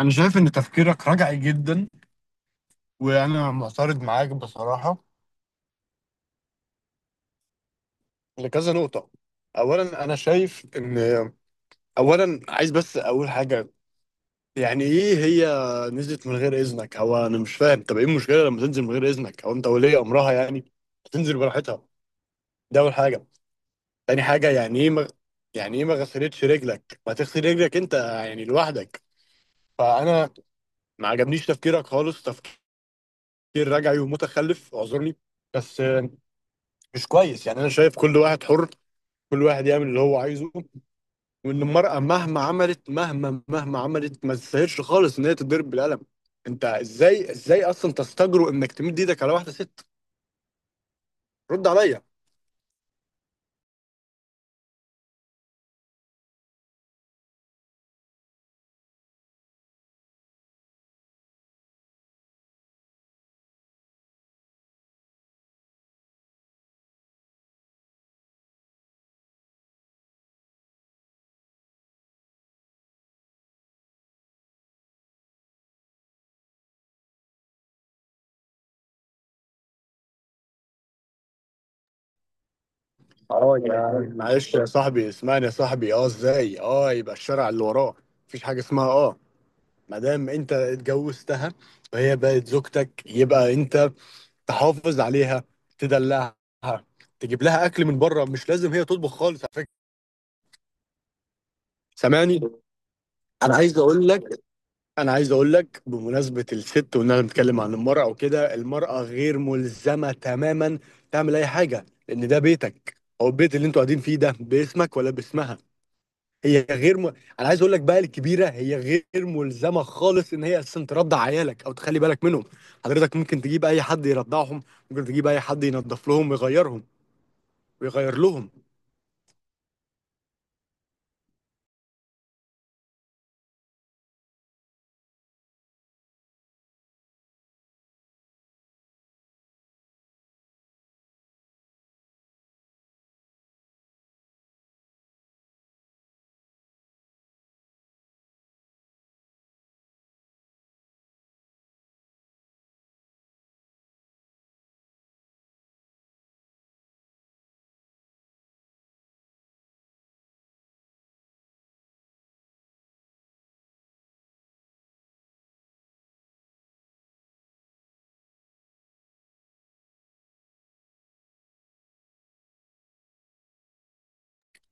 أنا شايف إن تفكيرك رجعي جدا، وأنا معترض معاك بصراحة لكذا نقطة. أولا أنا شايف إن أولا عايز بس أقول حاجة. يعني ايه هي نزلت من غير اذنك؟ هو انا مش فاهم، طب ايه المشكله لما تنزل من غير اذنك؟ هو انت ولي امرها يعني؟ تنزل براحتها. ده اول حاجه. تاني حاجه، يعني ايه يعني ايه ما غسلتش رجلك؟ ما تغسل رجلك انت يعني لوحدك. فانا ما عجبنيش تفكيرك خالص، تفكير رجعي ومتخلف، اعذرني بس. مش كويس. يعني انا شايف كل واحد حر، كل واحد يعمل اللي هو عايزه، وان المرأة مهما عملت، مهما عملت، ما تستاهلش خالص ان هي تتضرب بالقلم. انت ازاي اصلا تستجرؤ انك تمد ايدك على واحدة ست؟ رد عليا. اه يا معلش يا صاحبي، اسمعني يا صاحبي. اه ازاي يبقى الشارع اللي وراه مفيش حاجة اسمها؟ اه ما دام انت اتجوزتها وهي بقت زوجتك، يبقى انت تحافظ عليها، تدلعها، تجيب لها اكل من بره، مش لازم هي تطبخ خالص على فكرة. سامعني؟ انا عايز اقول لك انا عايز اقول لك بمناسبه الست، وان انا بنتكلم عن المراه وكده، المراه غير ملزمه تماما تعمل اي حاجه، لان ده بيتك او البيت اللي انتوا قاعدين فيه، ده باسمك ولا باسمها؟ هي غير م... انا عايز اقول لك بقى، الكبيره هي غير ملزمه خالص ان هي اصلا ترضع عيالك او تخلي بالك منهم. حضرتك ممكن تجيب اي حد يرضعهم، ممكن تجيب اي حد ينظف لهم ويغيرهم ويغير لهم.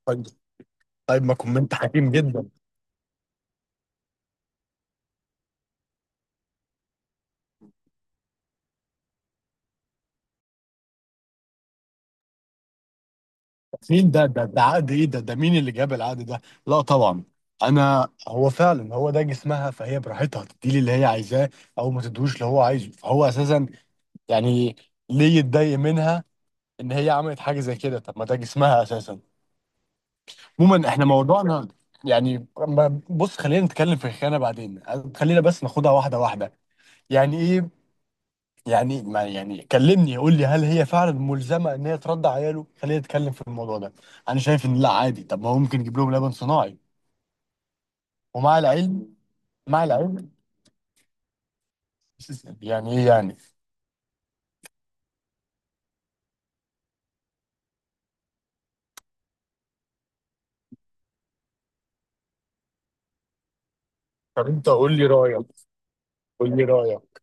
طيب. طيب، ما كومنت حكيم جدا. مين ده؟ ده عقد ايه ده؟ مين اللي جاب العقد ده؟ لا طبعا. انا هو فعلا، هو ده جسمها، فهي براحتها تديلي اللي هي عايزاه او ما تدوش اللي هو عايزه، فهو اساسا يعني ليه يتضايق منها ان هي عملت حاجه زي كده؟ طب ما ده جسمها اساسا. عموما احنا موضوعنا، يعني بص، خلينا نتكلم في الخيانه بعدين، خلينا بس ناخدها واحده واحده. يعني ايه يعني، ما يعني، كلمني، قول لي، هل هي فعلا ملزمه ان هي ترضع عياله؟ خلينا نتكلم في الموضوع ده. انا شايف ان لا، عادي، طب ما هو ممكن يجيب لهم لبن صناعي. ومع العلم مع العلم يعني ايه يعني؟ طب انت قول لي رايك، قول لي رايك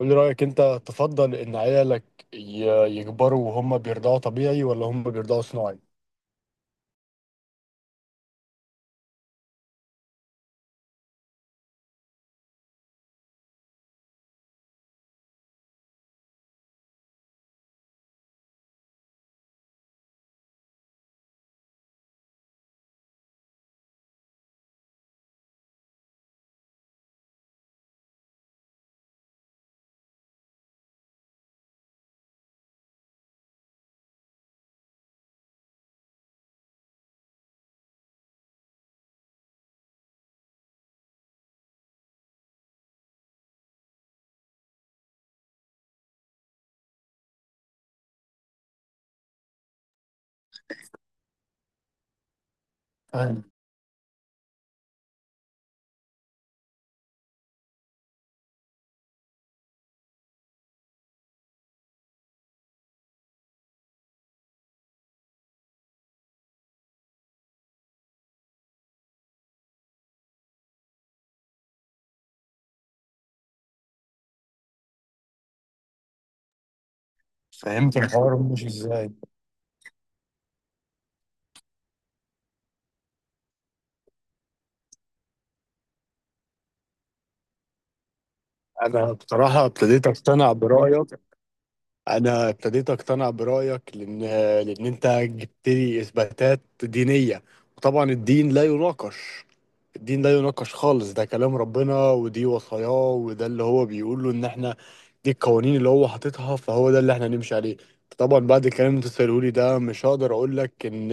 انت تفضل ان عيالك يكبروا وهم بيرضعوا طبيعي، ولا هم بيرضعوا صناعي؟ فاهم. فهمت الحوار مش ازاي. انا بصراحه ابتديت اقتنع برايك انا ابتديت اقتنع برايك، لان انت جبت لي اثباتات دينيه، وطبعا الدين لا يناقش، الدين لا يناقش خالص. ده كلام ربنا ودي وصاياه، وده اللي هو بيقوله ان احنا دي القوانين اللي هو حاططها، فهو ده اللي احنا نمشي عليه. طبعا بعد الكلام اللي انت سأله لي ده مش هقدر اقول لك ان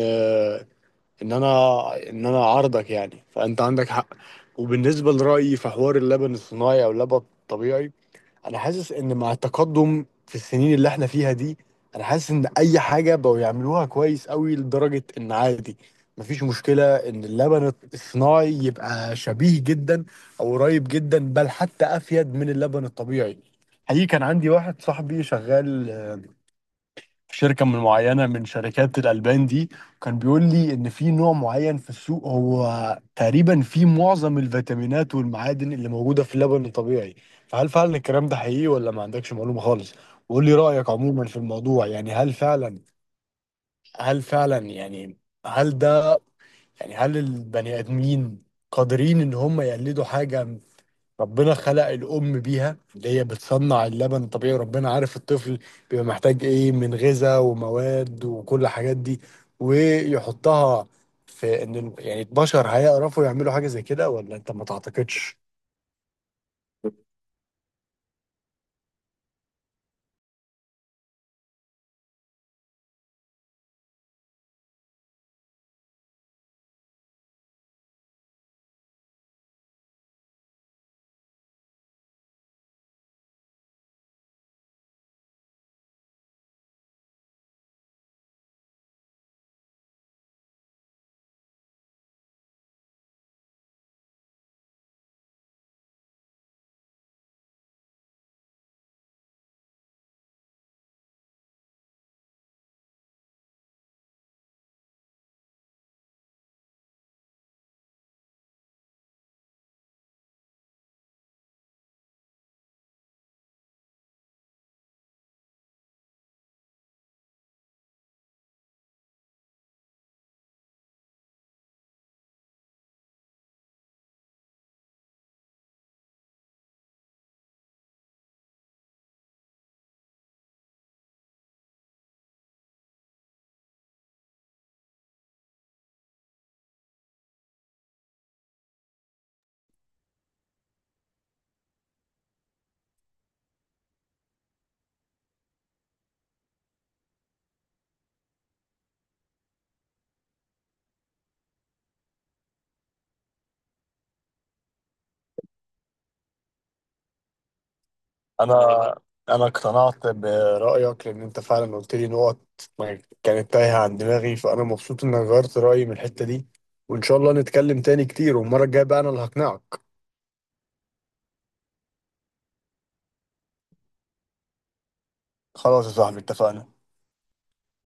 ان انا ان انا عارضك، يعني فانت عندك حق. وبالنسبه لرايي في حوار اللبن الصناعي او اللبن الطبيعي، انا حاسس ان مع التقدم في السنين اللي احنا فيها دي، انا حاسس ان اي حاجه بقوا يعملوها كويس قوي لدرجه ان عادي، مفيش مشكله ان اللبن الصناعي يبقى شبيه جدا او قريب جدا، بل حتى افيد من اللبن الطبيعي. حقيقي كان عندي واحد صاحبي شغال في شركة من معينة من شركات الألبان دي، كان بيقول لي إن في نوع معين في السوق هو تقريبا فيه معظم الفيتامينات والمعادن اللي موجودة في اللبن الطبيعي. فهل فعلا الكلام ده حقيقي، ولا ما عندكش معلومة خالص؟ وقول لي رأيك عموما في الموضوع. يعني هل فعلا يعني هل ده يعني هل البني آدمين قادرين إن هم يقلدوا حاجة ربنا خلق الأم بيها؟ اللي هي بتصنع اللبن الطبيعي، وربنا عارف الطفل بيبقى محتاج إيه من غذاء ومواد وكل الحاجات دي، ويحطها في إن يعني البشر هيعرفوا يعملوا حاجة زي كده، ولا أنت ما تعتقدش؟ أنا أنا اقتنعت برأيك، لأن أنت فعلا قلت لي نقط ما كانت تايهة عن دماغي، فأنا مبسوط إنك غيرت رأيي من الحتة دي، وإن شاء الله نتكلم تاني كتير، والمرة الجاية بقى أنا اللي هقنعك. خلاص يا صاحبي، اتفقنا.